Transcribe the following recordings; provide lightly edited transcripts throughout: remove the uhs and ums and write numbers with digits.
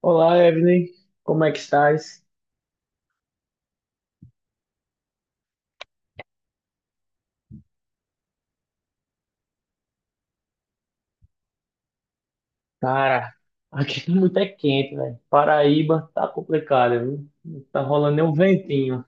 Olá, Evelyn. Como é que estás? Cara, aqui tá muito é quente, velho. Paraíba tá complicado, viu? Não tá rolando nem um ventinho.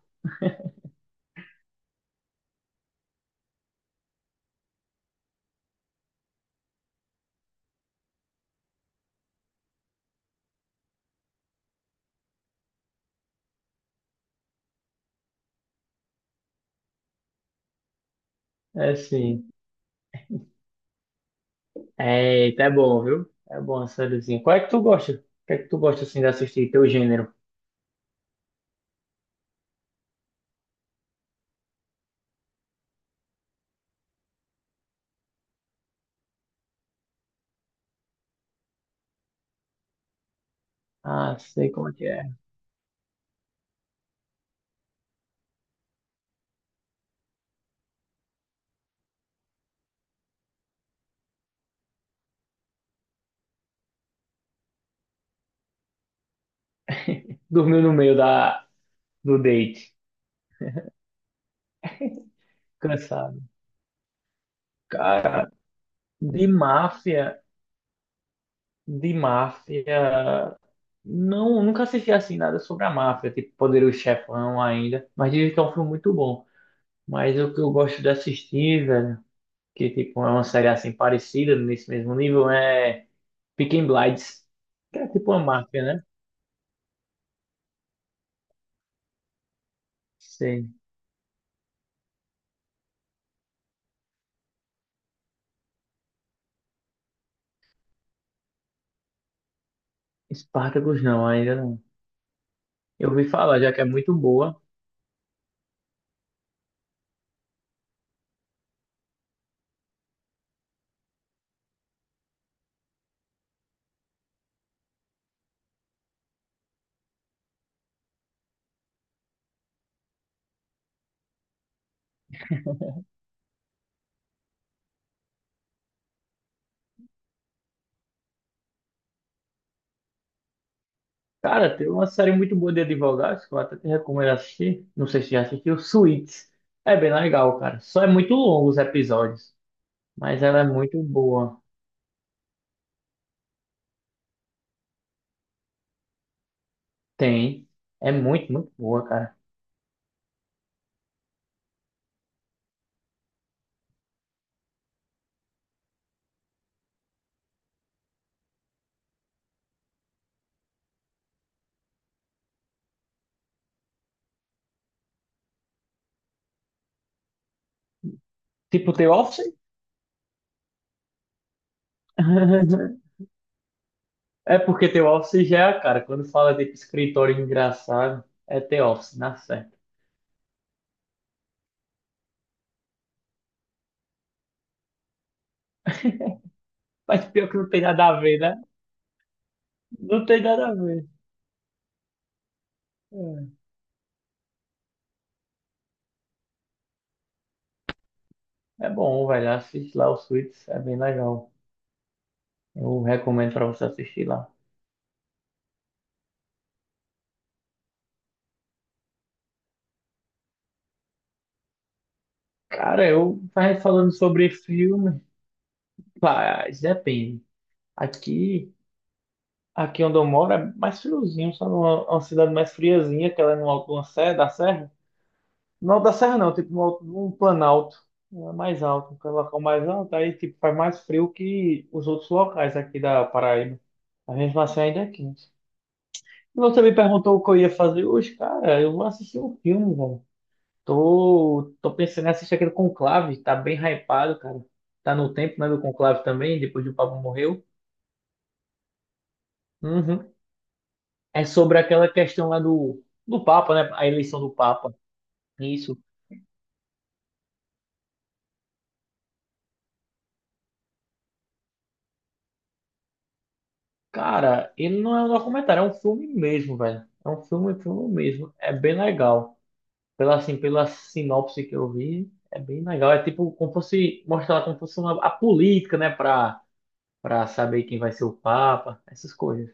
É assim. Eita, é bom, viu? É bom a sériezinha. Qual é que tu gosta? O que é que tu gosta assim de assistir? Teu gênero? Ah, sei como é que é. Dormiu no meio do date. Cansado. Cara, de máfia, de máfia. Não, nunca assisti assim nada sobre a máfia, tipo Poderoso Chefão ainda, mas dizem que é um filme muito bom. Mas o que eu gosto de assistir, velho, que tipo é uma série assim parecida, nesse mesmo nível, é Peaky Blinders, que é tipo uma máfia, né? Sim. Spartacus não, ainda não. Eu ouvi falar, já que é muito boa. Cara, tem uma série muito boa de advogados que eu até te recomendo assistir. Não sei se já assistiu, Suits. É bem legal, cara. Só é muito longo os episódios, mas ela é muito boa. Tem. É muito, muito boa, cara. Tipo, The Office? É porque The Office já é a cara. Quando fala de escritório engraçado, é The Office, na certa. Mas pior que não tem nada a ver, né? Não tem nada a ver. É, é bom, velho. Assiste lá o Suits, é bem legal. Eu recomendo pra você assistir lá. Cara, eu tava falando sobre filme. Mas depende. Aqui, aqui onde eu moro é mais friozinho, sabe? Uma cidade mais friazinha, que ela é numa serra, da serra. No alto da serra não, tipo no alto- num planalto. É mais alto, um local mais alto, aí tipo faz mais frio que os outros locais aqui da Paraíba. A gente assim ainda é quente. E você me perguntou o que eu ia fazer hoje, cara, eu vou assistir um filme, velho. Tô pensando em assistir aquele Conclave, tá bem hypado, cara. Tá no tempo, né, do Conclave também, depois que o Papa morreu. Uhum. É sobre aquela questão lá do Papa, né, a eleição do Papa. Isso. Cara, ele não é um documentário, é um filme mesmo, velho. É um filme mesmo. É bem legal. Pela, assim, pela sinopse que eu vi, é bem legal. É tipo como fosse mostrar como fosse uma, a política, né? Pra saber quem vai ser o Papa, essas coisas.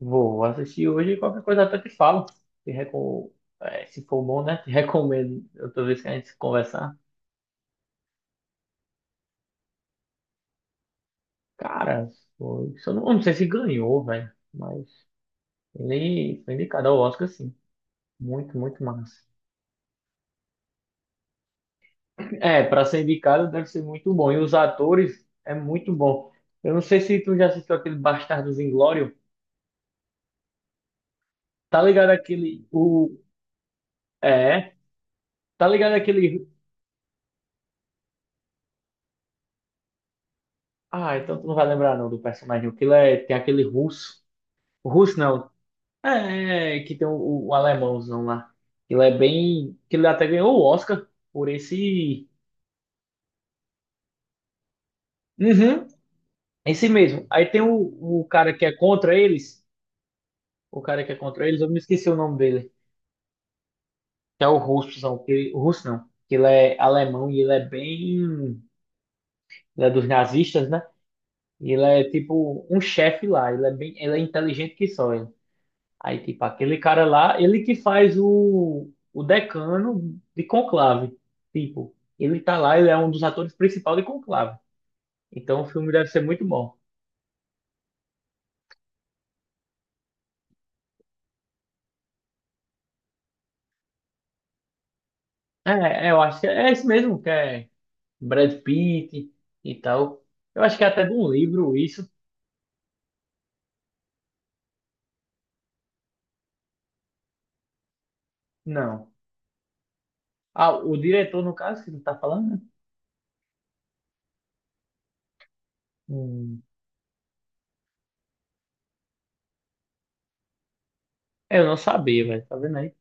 Vou assistir hoje e qualquer coisa até te falo. Te recom... é, se for bom, né? Te recomendo outra vez que a gente se conversar. Cara, foi... eu não sei se ganhou, velho. Mas ele foi indicado ao Oscar, sim. Muito, muito massa. É, para ser indicado deve ser muito bom. E os atores é muito bom. Eu não sei se tu já assistiu aquele Bastardos Inglórios. Tá ligado aquele o é, tá ligado aquele. Ah, então tu não vai lembrar não do personagem. O que é, tem aquele russo. O russo não. É, é, que tem o alemãozão lá. Ele é bem, que ele até ganhou o Oscar por esse. Uhum, esse mesmo. Aí tem o cara que é contra eles, o cara que é contra eles, eu me esqueci o nome dele. Que é o russozão, que, o russo não, que ele é alemão e ele é bem, ele é dos nazistas, né? E ele é tipo um chefe lá, ele é bem, ele é inteligente que só ele. Aí tipo aquele cara lá, ele que faz o decano de Conclave, tipo, ele tá lá, ele é um dos atores principais de Conclave. Então o filme deve ser muito bom. É, é, eu acho que é esse mesmo, que é Brad Pitt e tal. Eu acho que é até de um livro isso. Não. Ah, o diretor, no caso, que tu tá falando, né? Hum, eu não sabia, velho, tá vendo aí?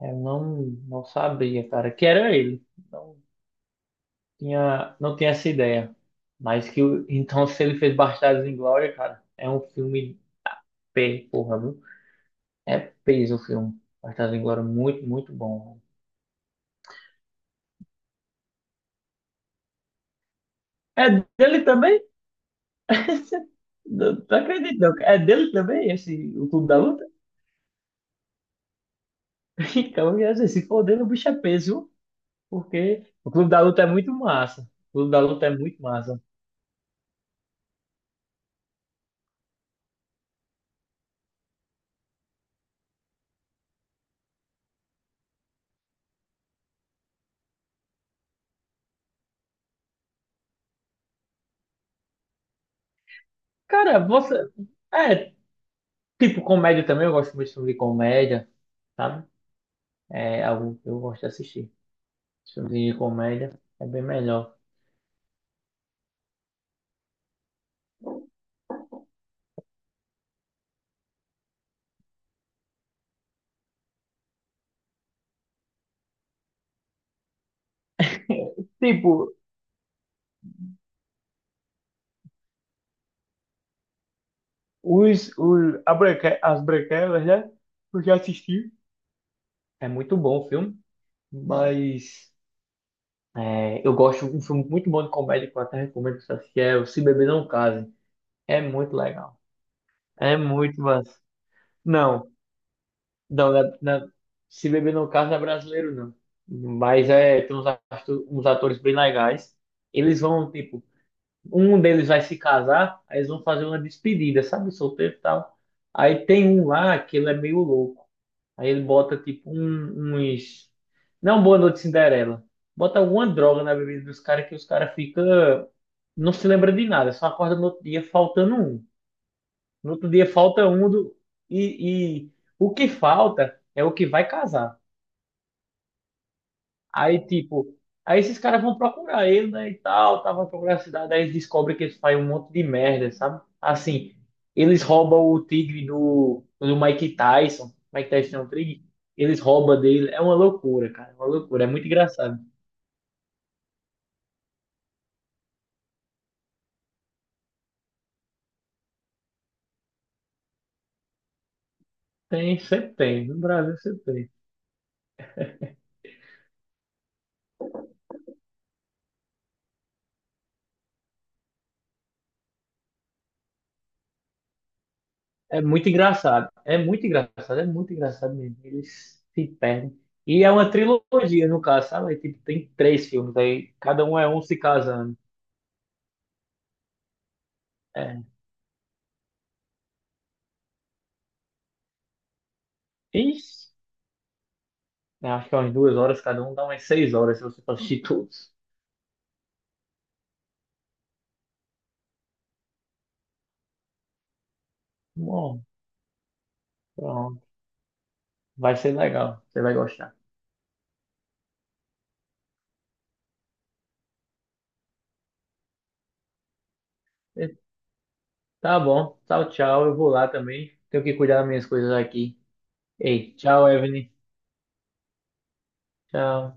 É, Eu não, não sabia, cara, que era ele. Não não tinha essa ideia. Mas que, o- então, se ele fez Bastardos em Glória, cara, é um filme P, porra, viu? É peso o filme. Bastardos em Glória, muito, muito bom. É dele também? Não, não acredito, não. É dele também, esse, o Clube da Luta? Então, eu ia dizer, se for dele, o bicho é peso, viu? Porque o Clube da Luta é muito massa. O Clube da Luta é muito massa. Cara, você. É, tipo, comédia também, eu gosto muito de filme de comédia, sabe? É algo que eu gosto de assistir. Filme de comédia é bem melhor. Tipo, a Branque- as Branquelas, né? Eu já assisti. É muito bom o filme, mas é, eu gosto de um filme muito bom de comédia que eu até recomendo pra você assistir, é o Se Beber Não Case. É muito legal. É muito massa. Não. Não, na- na- se beber no caso, não é brasileiro, não. Mas é, tem uns, atu- uns atores bem legais. Eles vão, tipo, um deles vai se casar, aí eles vão fazer uma despedida, sabe? Solteiro e tal. Aí tem um lá que ele é meio louco. Aí ele bota, tipo, um- uns. Não, Boa Noite Cinderela. Bota alguma droga na bebida dos caras que os caras ficam. Não se lembra de nada, só acorda no outro dia faltando um. No outro dia falta um do, e o que falta é o que vai casar. Aí, tipo, aí esses caras vão procurar ele, né, e tal, tava procurando a cidade, aí eles descobrem que eles fazem um monte de merda, sabe? Assim, eles roubam o tigre do Mike Tyson, Mike Tyson é um tigre, eles roubam dele, é uma loucura, cara, é uma loucura, é muito engraçado. Tem, sempre tem, no Brasil sempre tem. É muito engraçado. É muito engraçado, é muito engraçado mesmo. Eles se perdem. E é uma trilogia, no caso, sabe? Aí, tipo, tem 3 filmes aí, cada um é um se casando. É. Ixi, eu acho que é umas 2 horas, cada um dá umas 6 horas se você for assistir todos. Bom, pronto. Vai ser legal, você vai gostar. E- tá bom, tchau, tchau. Eu vou lá também. Tenho que cuidar das minhas coisas aqui. Ei, tchau, Evelyn. Tchau.